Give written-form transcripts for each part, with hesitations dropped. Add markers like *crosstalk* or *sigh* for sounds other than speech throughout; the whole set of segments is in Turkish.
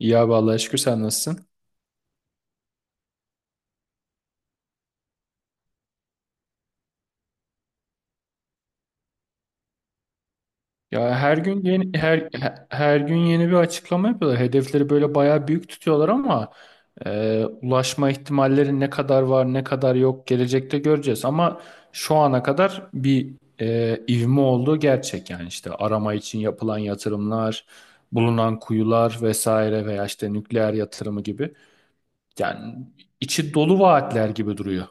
Ya vallahi şükür, sen nasılsın? Ya her gün yeni her gün yeni bir açıklama yapıyorlar. Hedefleri böyle bayağı büyük tutuyorlar ama ulaşma ihtimalleri ne kadar var, ne kadar yok gelecekte göreceğiz. Ama şu ana kadar bir ivme olduğu gerçek, yani işte arama için yapılan yatırımlar, bulunan kuyular vesaire veya işte nükleer yatırımı gibi. Yani içi dolu vaatler gibi duruyor.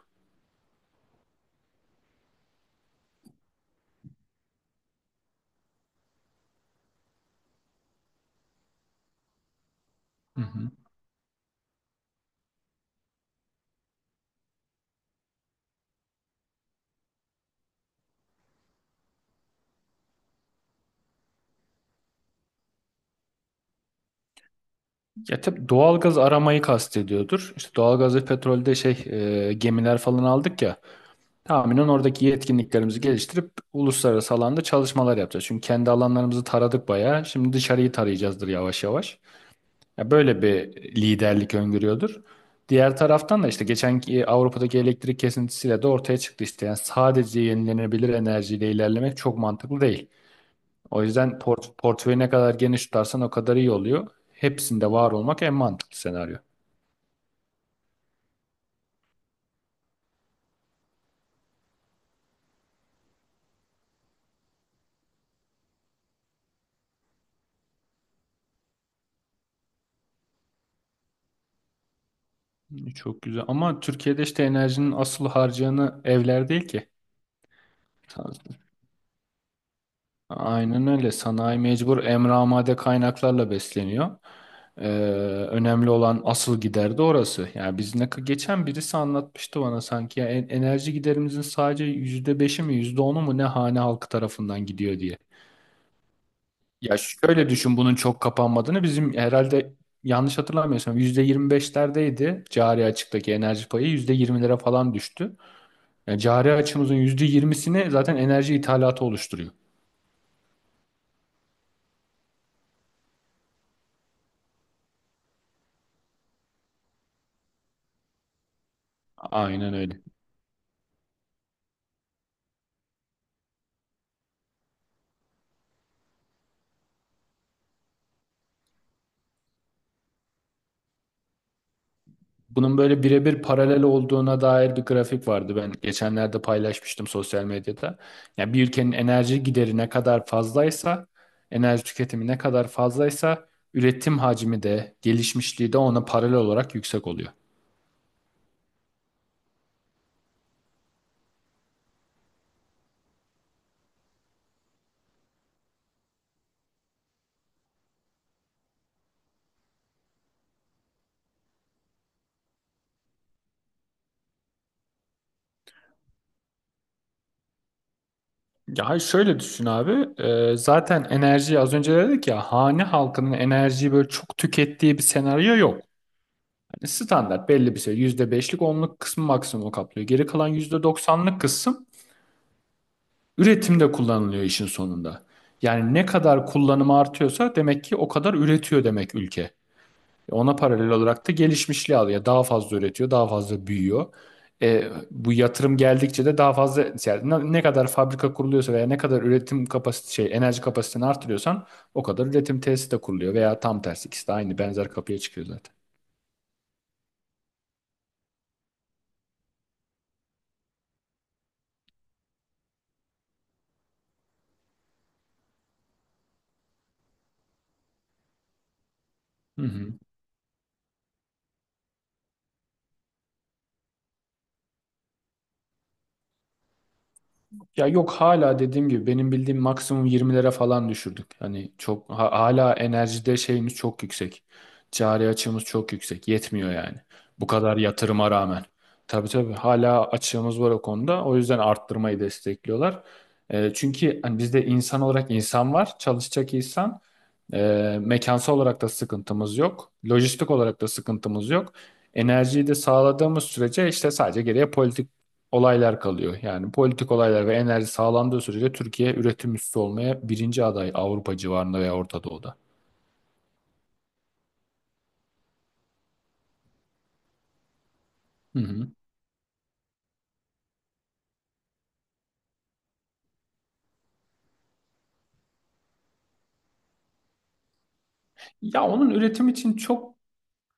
Ya tabii doğalgaz aramayı kastediyordur. İşte doğalgaz ve petrolde şey, gemiler falan aldık ya. Tahminen oradaki yetkinliklerimizi geliştirip uluslararası alanda çalışmalar yapacağız. Çünkü kendi alanlarımızı taradık bayağı. Şimdi dışarıyı tarayacağızdır yavaş yavaş. Ya böyle bir liderlik öngörüyordur. Diğer taraftan da işte geçen ki Avrupa'daki elektrik kesintisiyle de ortaya çıktı işte. Yani sadece yenilenebilir enerjiyle ilerlemek çok mantıklı değil. O yüzden portföyü ne kadar geniş tutarsan o kadar iyi oluyor. Hepsinde var olmak en mantıklı senaryo. Çok güzel. Ama Türkiye'de işte enerjinin asıl harcayanı evler değil ki. Aynen öyle. Sanayi mecbur emramade kaynaklarla besleniyor. Ee, Önemli olan asıl gider de orası. Yani biz ne geçen birisi anlatmıştı bana sanki, ya enerji giderimizin sadece %5'i mi, yüzde onu mu ne hane halkı tarafından gidiyor diye. Ya şöyle düşün, bunun çok kapanmadığını, bizim herhalde yanlış hatırlamıyorsam %25'lerdeydi cari açıktaki enerji payı, %20'lere falan düştü. Yani cari açımızın %20'sini zaten enerji ithalatı oluşturuyor. Aynen öyle. Bunun böyle birebir paralel olduğuna dair bir grafik vardı. Ben geçenlerde paylaşmıştım sosyal medyada. Yani bir ülkenin enerji gideri ne kadar fazlaysa, enerji tüketimi ne kadar fazlaysa üretim hacmi de, gelişmişliği de ona paralel olarak yüksek oluyor. Ya hayır, şöyle düşün abi. Zaten enerjiyi az önce dedik ya, hane halkının enerjiyi böyle çok tükettiği bir senaryo yok. Standart belli bir şey. %5'lik, onluk kısmı maksimum kaplıyor. Geri kalan %90'lık kısım üretimde kullanılıyor işin sonunda. Yani ne kadar kullanımı artıyorsa demek ki o kadar üretiyor demek ülke. Ona paralel olarak da gelişmişliği alıyor. Yani daha fazla üretiyor, daha fazla büyüyor. Bu yatırım geldikçe de daha fazla, yani ne kadar fabrika kuruluyorsa veya ne kadar üretim kapasite şey enerji kapasitesini artırıyorsan o kadar üretim tesisi de kuruluyor, veya tam tersi, ikisi de aynı benzer kapıya çıkıyor zaten. Hı hı. Ya yok, hala dediğim gibi, benim bildiğim maksimum 20'lere falan düşürdük. Hani çok hala enerjide şeyimiz çok yüksek. Cari açığımız çok yüksek. Yetmiyor yani. Bu kadar yatırıma rağmen. Tabii tabii, hala açığımız var o konuda. O yüzden arttırmayı destekliyorlar. Çünkü hani bizde insan olarak insan var. Çalışacak insan. Mekansal olarak da sıkıntımız yok. Lojistik olarak da sıkıntımız yok. Enerjiyi de sağladığımız sürece işte sadece geriye politik olaylar kalıyor. Yani politik olaylar ve enerji sağlandığı sürece Türkiye üretim üssü olmaya birinci aday Avrupa civarında veya Orta Doğu'da. Hı hı. Ya onun üretim için çok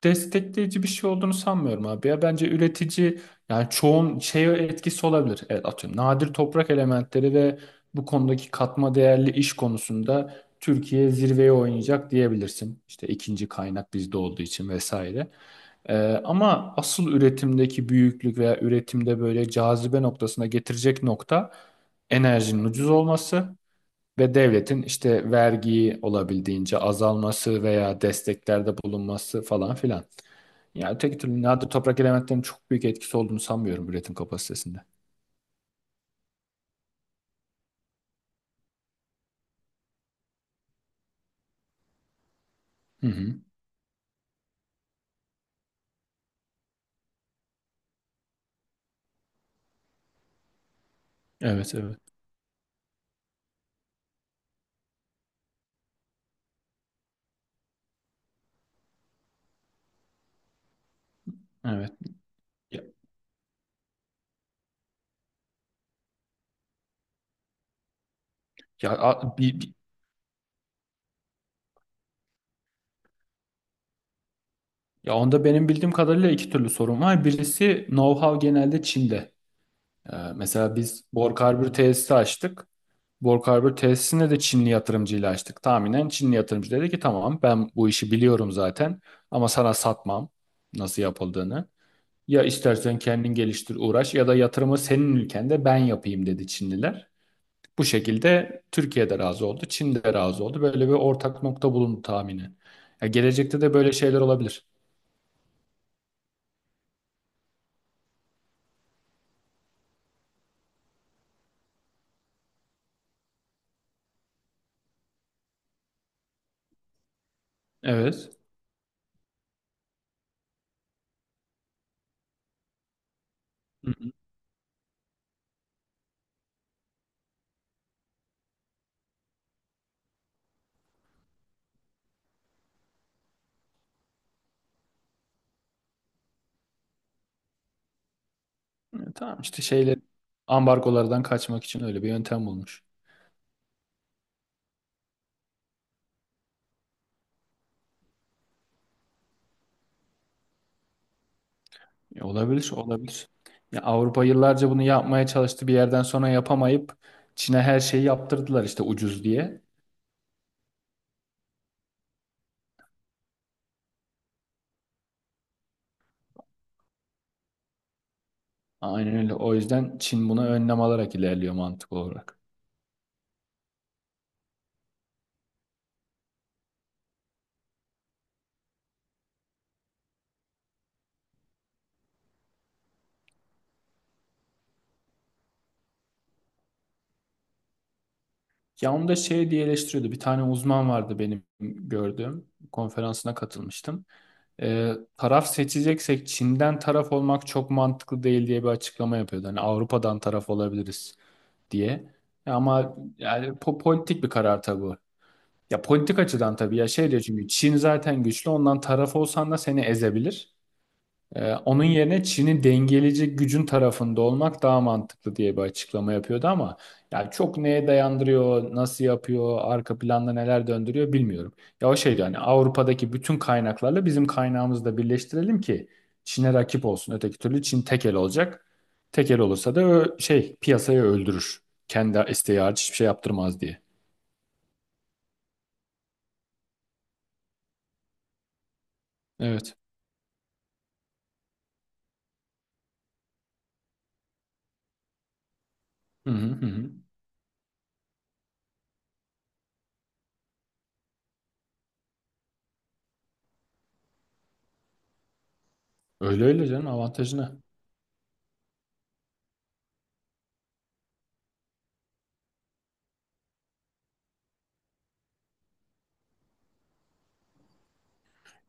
destekleyici bir şey olduğunu sanmıyorum abi ya. Bence üretici, yani çoğun şeye etkisi olabilir. Evet, atıyorum, nadir toprak elementleri ve bu konudaki katma değerli iş konusunda Türkiye zirveye oynayacak diyebilirsin. İşte ikinci kaynak bizde olduğu için vesaire. Ama asıl üretimdeki büyüklük veya üretimde böyle cazibe noktasına getirecek nokta enerjinin ucuz olması ve devletin işte vergiyi olabildiğince azalması veya desteklerde bulunması falan filan. Yani öteki türlü nadir toprak elementlerinin çok büyük etkisi olduğunu sanmıyorum üretim kapasitesinde. Hı hı. Evet, evet. Evet. Ya, ya, a- bi- bi- ya onda benim bildiğim kadarıyla iki türlü sorun var. Birisi know-how genelde Çin'de. Mesela biz bor karbür tesisi açtık. Borg Harbor tesisine de Çinli yatırımcıyla açtık. Tahminen Çinli yatırımcı dedi ki, tamam, ben bu işi biliyorum zaten ama sana satmam nasıl yapıldığını. Ya istersen kendin geliştir uğraş, ya da yatırımı senin ülkende ben yapayım, dedi Çinliler. Bu şekilde Türkiye'de razı oldu, Çin'de razı oldu. Böyle bir ortak nokta bulundu tahmini. Ya gelecekte de böyle şeyler olabilir. Evet. Hı hı. Tamam, işte şeyler ambargolardan kaçmak için öyle bir yöntem bulmuş. Ya olabilir, olabilir. Ya Avrupa yıllarca bunu yapmaya çalıştı. Bir yerden sonra yapamayıp Çin'e her şeyi yaptırdılar işte, ucuz diye. Aynen öyle. O yüzden Çin buna önlem alarak ilerliyor, mantık olarak. Ya onu da şey diye eleştiriyordu. Bir tane uzman vardı benim gördüğüm. Konferansına katılmıştım. Taraf seçeceksek Çin'den taraf olmak çok mantıklı değil diye bir açıklama yapıyordu. Hani Avrupa'dan taraf olabiliriz diye. Ya ama yani politik bir karar tabii bu. Ya politik açıdan tabii, ya şey diyor, çünkü Çin zaten güçlü, ondan taraf olsan da seni ezebilir. Onun yerine Çin'i dengeleyecek gücün tarafında olmak daha mantıklı diye bir açıklama yapıyordu ama, ya çok neye dayandırıyor, nasıl yapıyor, arka planda neler döndürüyor bilmiyorum. Ya o şey diyor, hani Avrupa'daki bütün kaynaklarla bizim kaynağımızı da birleştirelim ki Çin'e rakip olsun. Öteki türlü Çin tek el olacak. Tek el olursa da şey, piyasayı öldürür. Kendi isteği hariç hiçbir şey yaptırmaz diye. Evet. Hı hı hı, hı. Öyle öyle canım, avantajı ne?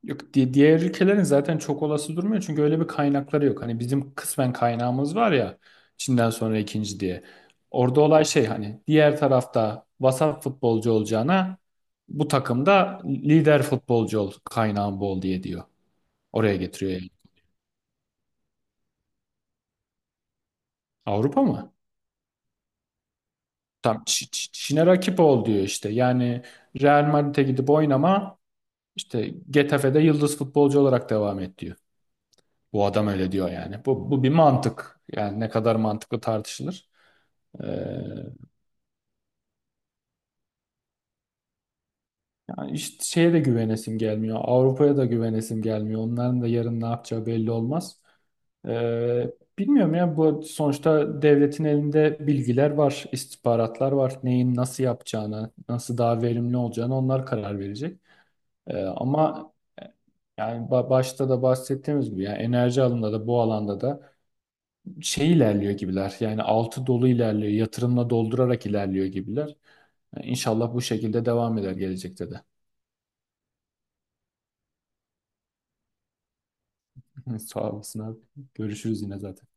Yok, diğer ülkelerin zaten çok olası durmuyor, çünkü öyle bir kaynakları yok. Hani bizim kısmen kaynağımız var ya, Çin'den sonra ikinci diye. Orada olay şey, hani diğer tarafta vasat futbolcu olacağına bu takımda lider futbolcu ol, kaynağın bol diye diyor. Oraya getiriyor yani. Avrupa mı? Tam Çin'e rakip ol diyor işte. Yani Real Madrid'e gidip oynama, işte Getafe'de yıldız futbolcu olarak devam et diyor. Bu adam öyle diyor yani. Bu bir mantık. Yani ne kadar mantıklı tartışılır. Ee, Yani işte şeye de güvenesim gelmiyor. Avrupa'ya da güvenesim gelmiyor. Onların da yarın ne yapacağı belli olmaz. Ee, Bilmiyorum ya, bu sonuçta devletin elinde bilgiler var, istihbaratlar var. Neyin nasıl yapacağını, nasıl daha verimli olacağını onlar karar verecek. Ama yani başta da bahsettiğimiz gibi, yani enerji alanında da bu alanda da şey ilerliyor gibiler. Yani altı dolu ilerliyor. Yatırımla doldurarak ilerliyor gibiler. İnşallah bu şekilde devam eder gelecekte de. *laughs* Sağ olasın abi. Görüşürüz yine zaten.